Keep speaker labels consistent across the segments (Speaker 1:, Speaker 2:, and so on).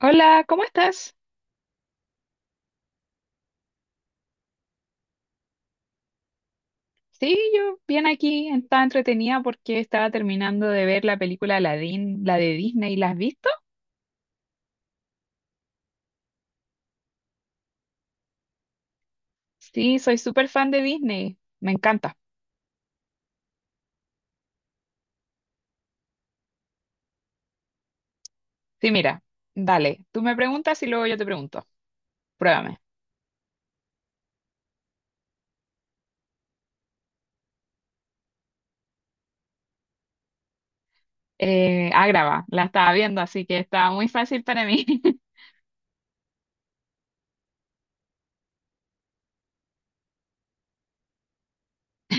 Speaker 1: Hola, ¿cómo estás? Sí, yo bien aquí, estaba entretenida porque estaba terminando de ver la película Aladdin, la de Disney. ¿La has visto? Sí, soy súper fan de Disney, me encanta. Sí, mira, dale, tú me preguntas y luego yo te pregunto. Pruébame. Graba, la estaba viendo, así que estaba muy fácil para mí,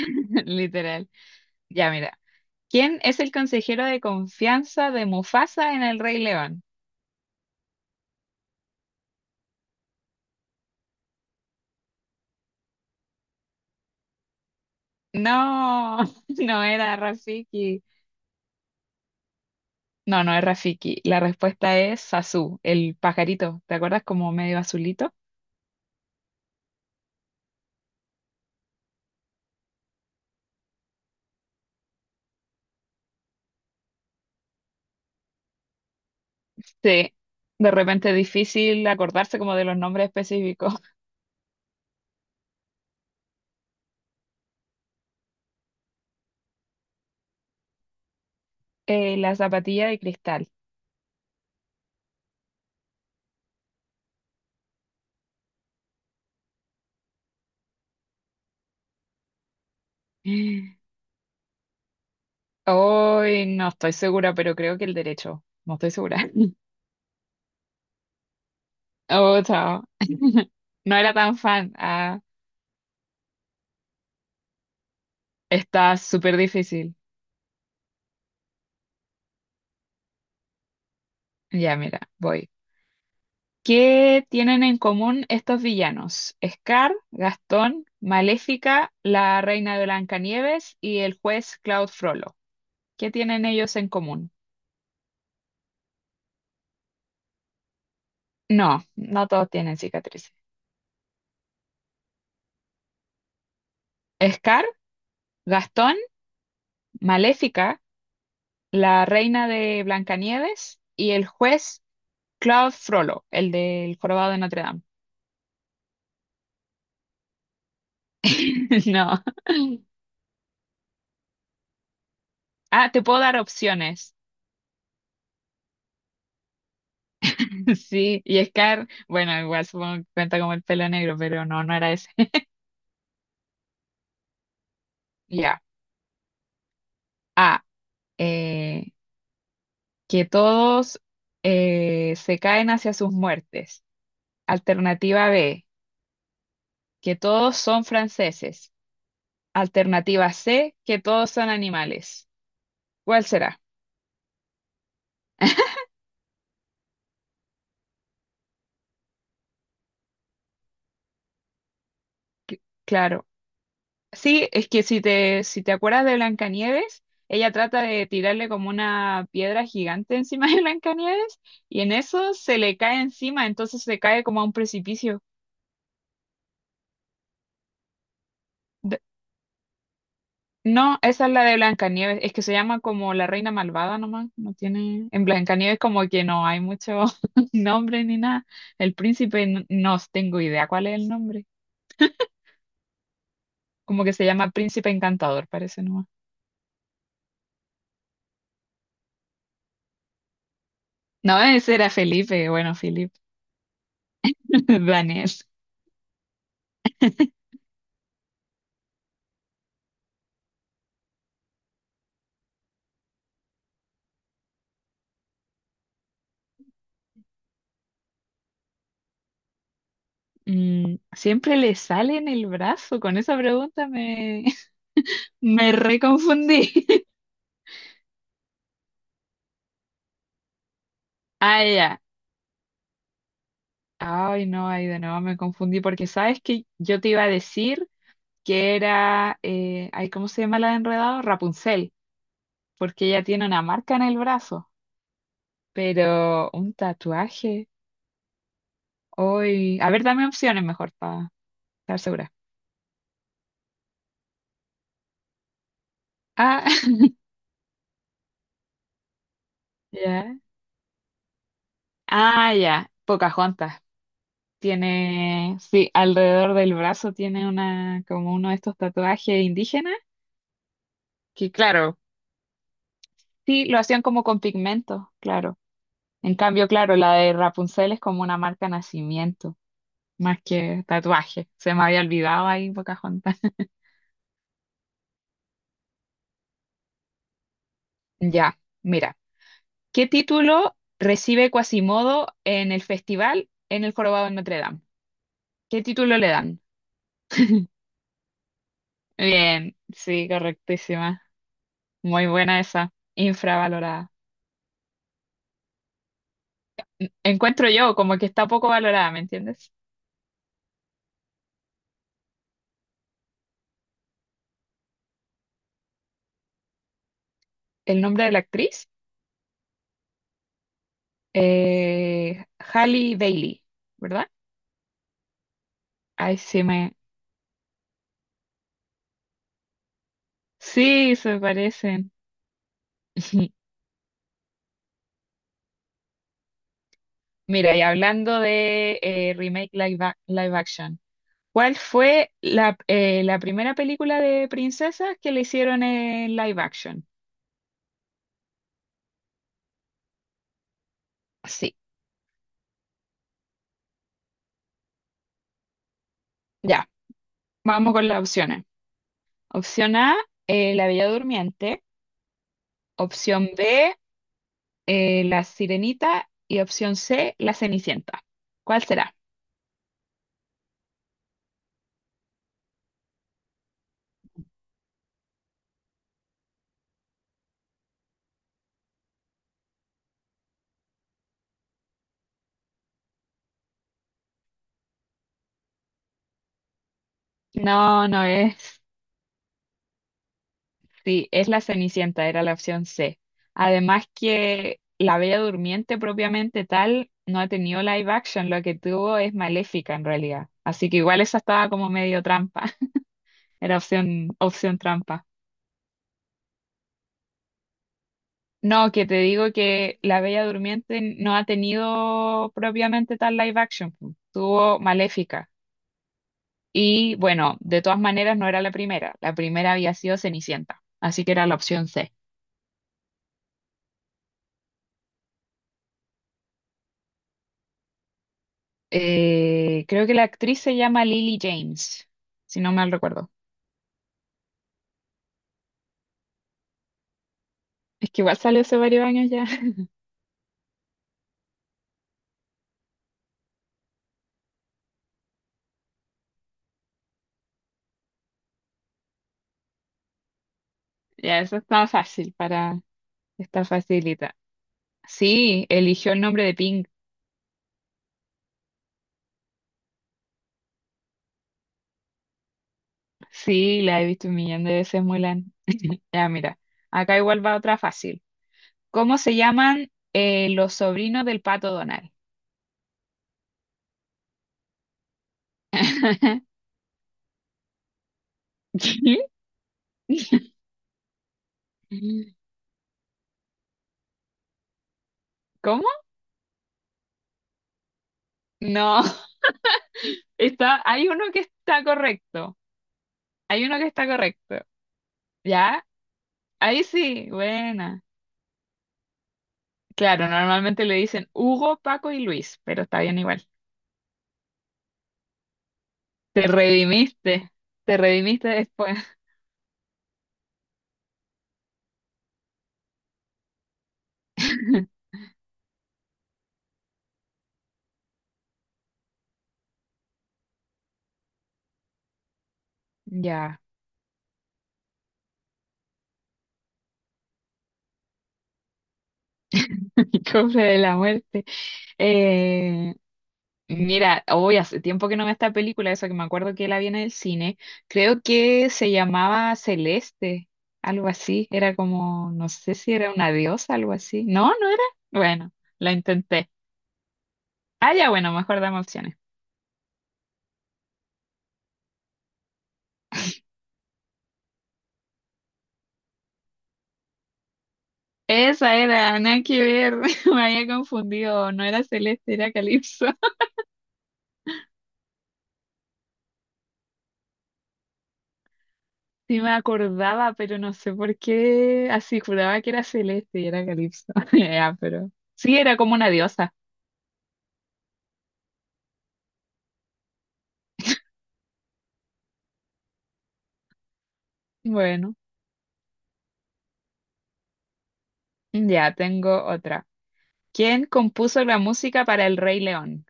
Speaker 1: literal. Ya, mira, ¿quién es el consejero de confianza de Mufasa en El Rey León? No, no era Rafiki. No, no es Rafiki. La respuesta es Sasu, el pajarito. ¿Te acuerdas como medio azulito? Sí. De repente es difícil acordarse como de los nombres específicos. La zapatilla de cristal. Hoy no estoy segura, pero creo que el derecho. No estoy segura. Oh, chao. No era tan fan. Ah, está súper difícil. Ya, mira, voy. ¿Qué tienen en común estos villanos? Scar, Gastón, Maléfica, la reina de Blancanieves y el juez Claude Frollo. ¿Qué tienen ellos en común? No, no todos tienen cicatrices. Scar, Gastón, Maléfica, la reina de Blancanieves y el juez Claude Frollo, el del jorobado de Notre Dame. No. Ah, te puedo dar opciones. Sí, y Scar, bueno, igual supongo que cuenta como el pelo negro, pero no, no era ese. Ya. A. eh, que todos se caen hacia sus muertes. Alternativa B. Que todos son franceses. Alternativa C. Que todos son animales. ¿Cuál será? Claro. Sí, es que si te acuerdas de Blancanieves, ella trata de tirarle como una piedra gigante encima de Blancanieves y en eso se le cae encima, entonces se cae como a un precipicio. No, esa es la de Blancanieves. Es que se llama como la reina malvada nomás. No tiene. En Blancanieves como que no hay mucho nombre ni nada. El príncipe no, tengo idea cuál es el nombre. Como que se llama Príncipe Encantador, parece nomás. No, ese era Felipe, bueno, Felipe, Daniel. Mm, siempre le sale en el brazo. Con esa pregunta me, me reconfundí. Ah, ya. Ay, no, ahí de nuevo me confundí porque sabes que yo te iba a decir. Que era, ay, ¿cómo se llama la de Enredado? Rapunzel, porque ella tiene una marca en el brazo, pero un tatuaje. Hoy, a ver, dame opciones mejor para estar segura. Ah, ya. Ah, ya. Pocahontas. Tiene, sí, alrededor del brazo tiene una, como uno de estos tatuajes indígenas, que claro, sí, lo hacían como con pigmento, claro. En cambio, claro, la de Rapunzel es como una marca nacimiento. Más que tatuaje. Se me había olvidado ahí Pocahontas. Ya, mira. ¿Qué título recibe Quasimodo en el festival en el Jorobado de Notre Dame? ¿Qué título le dan? Bien, sí, correctísima. Muy buena esa. Infravalorada. Encuentro yo como que está poco valorada, ¿me entiendes? El nombre de la actriz, Halle Bailey, ¿verdad? Ay, sí me... Sí, se parecen. Mira, y hablando de remake live, live action, ¿cuál fue la primera película de princesas que le hicieron en live action? Sí. Ya, vamos con las opciones. Opción A, La Bella Durmiente. Opción B, La Sirenita. Y opción C, La Cenicienta. ¿Cuál será? No, no es. Sí, es La Cenicienta, era la opción C. Además que La Bella Durmiente propiamente tal no ha tenido live action, lo que tuvo es Maléfica en realidad. Así que igual esa estaba como medio trampa. Era opción, opción trampa. No, que te digo que La Bella Durmiente no ha tenido propiamente tal live action, po. Tuvo Maléfica. Y bueno, de todas maneras no era la primera. La primera había sido Cenicienta. Así que era la opción C. Creo que la actriz se llama Lily James, si no mal recuerdo. Es que igual salió hace varios años ya. Ya, eso está fácil para... Está facilita. Sí, eligió el nombre de Pink. Sí, la he visto un millón de veces, Mulan. Ya, mira, acá igual va otra fácil. ¿Cómo se llaman los sobrinos del pato Donald? ¿Qué? ¿Cómo? No, está, hay uno que está correcto. Hay uno que está correcto. ¿Ya? Ahí sí, buena. Claro, normalmente le dicen Hugo, Paco y Luis, pero está bien igual. Te redimiste, te redimiste después. Ya, cofre de la muerte. Eh, Mira, hoy hace tiempo que no veo esta película, eso que me acuerdo que la vi en el cine. Creo que se llamaba Celeste, algo así. Era como, no sé si era una diosa, algo así. No, no era. Bueno, la intenté. Ah, ya, bueno, mejor dame opciones. Esa era, nada que ver. Me había confundido. No era Celeste, era Calipso. Sí me acordaba, pero no sé por qué. Así juraba que era Celeste y era Calipso. Ya, pero sí, era como una diosa. Bueno, ya tengo otra. ¿Quién compuso la música para El Rey León?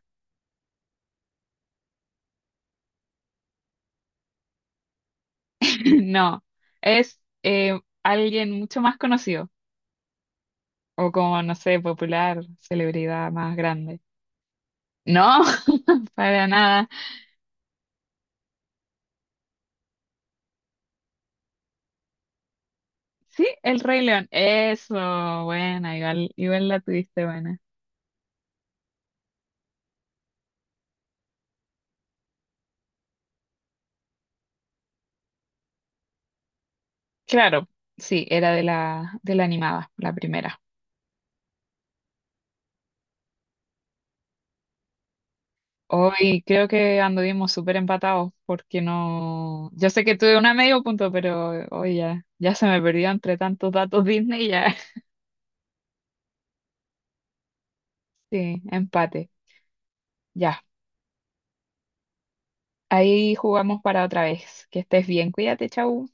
Speaker 1: No, es alguien mucho más conocido o como, no sé, popular, celebridad más grande. No, para nada. Sí, El Rey León. Eso, buena, igual, igual la tuviste buena. Claro, sí, era de la animada, la primera. Hoy creo que anduvimos súper empatados porque no... Yo sé que tuve una medio punto, pero hoy ya se me perdió entre tantos datos Disney ya. Sí, empate. Ya, ahí jugamos para otra vez. Que estés bien, cuídate, chau.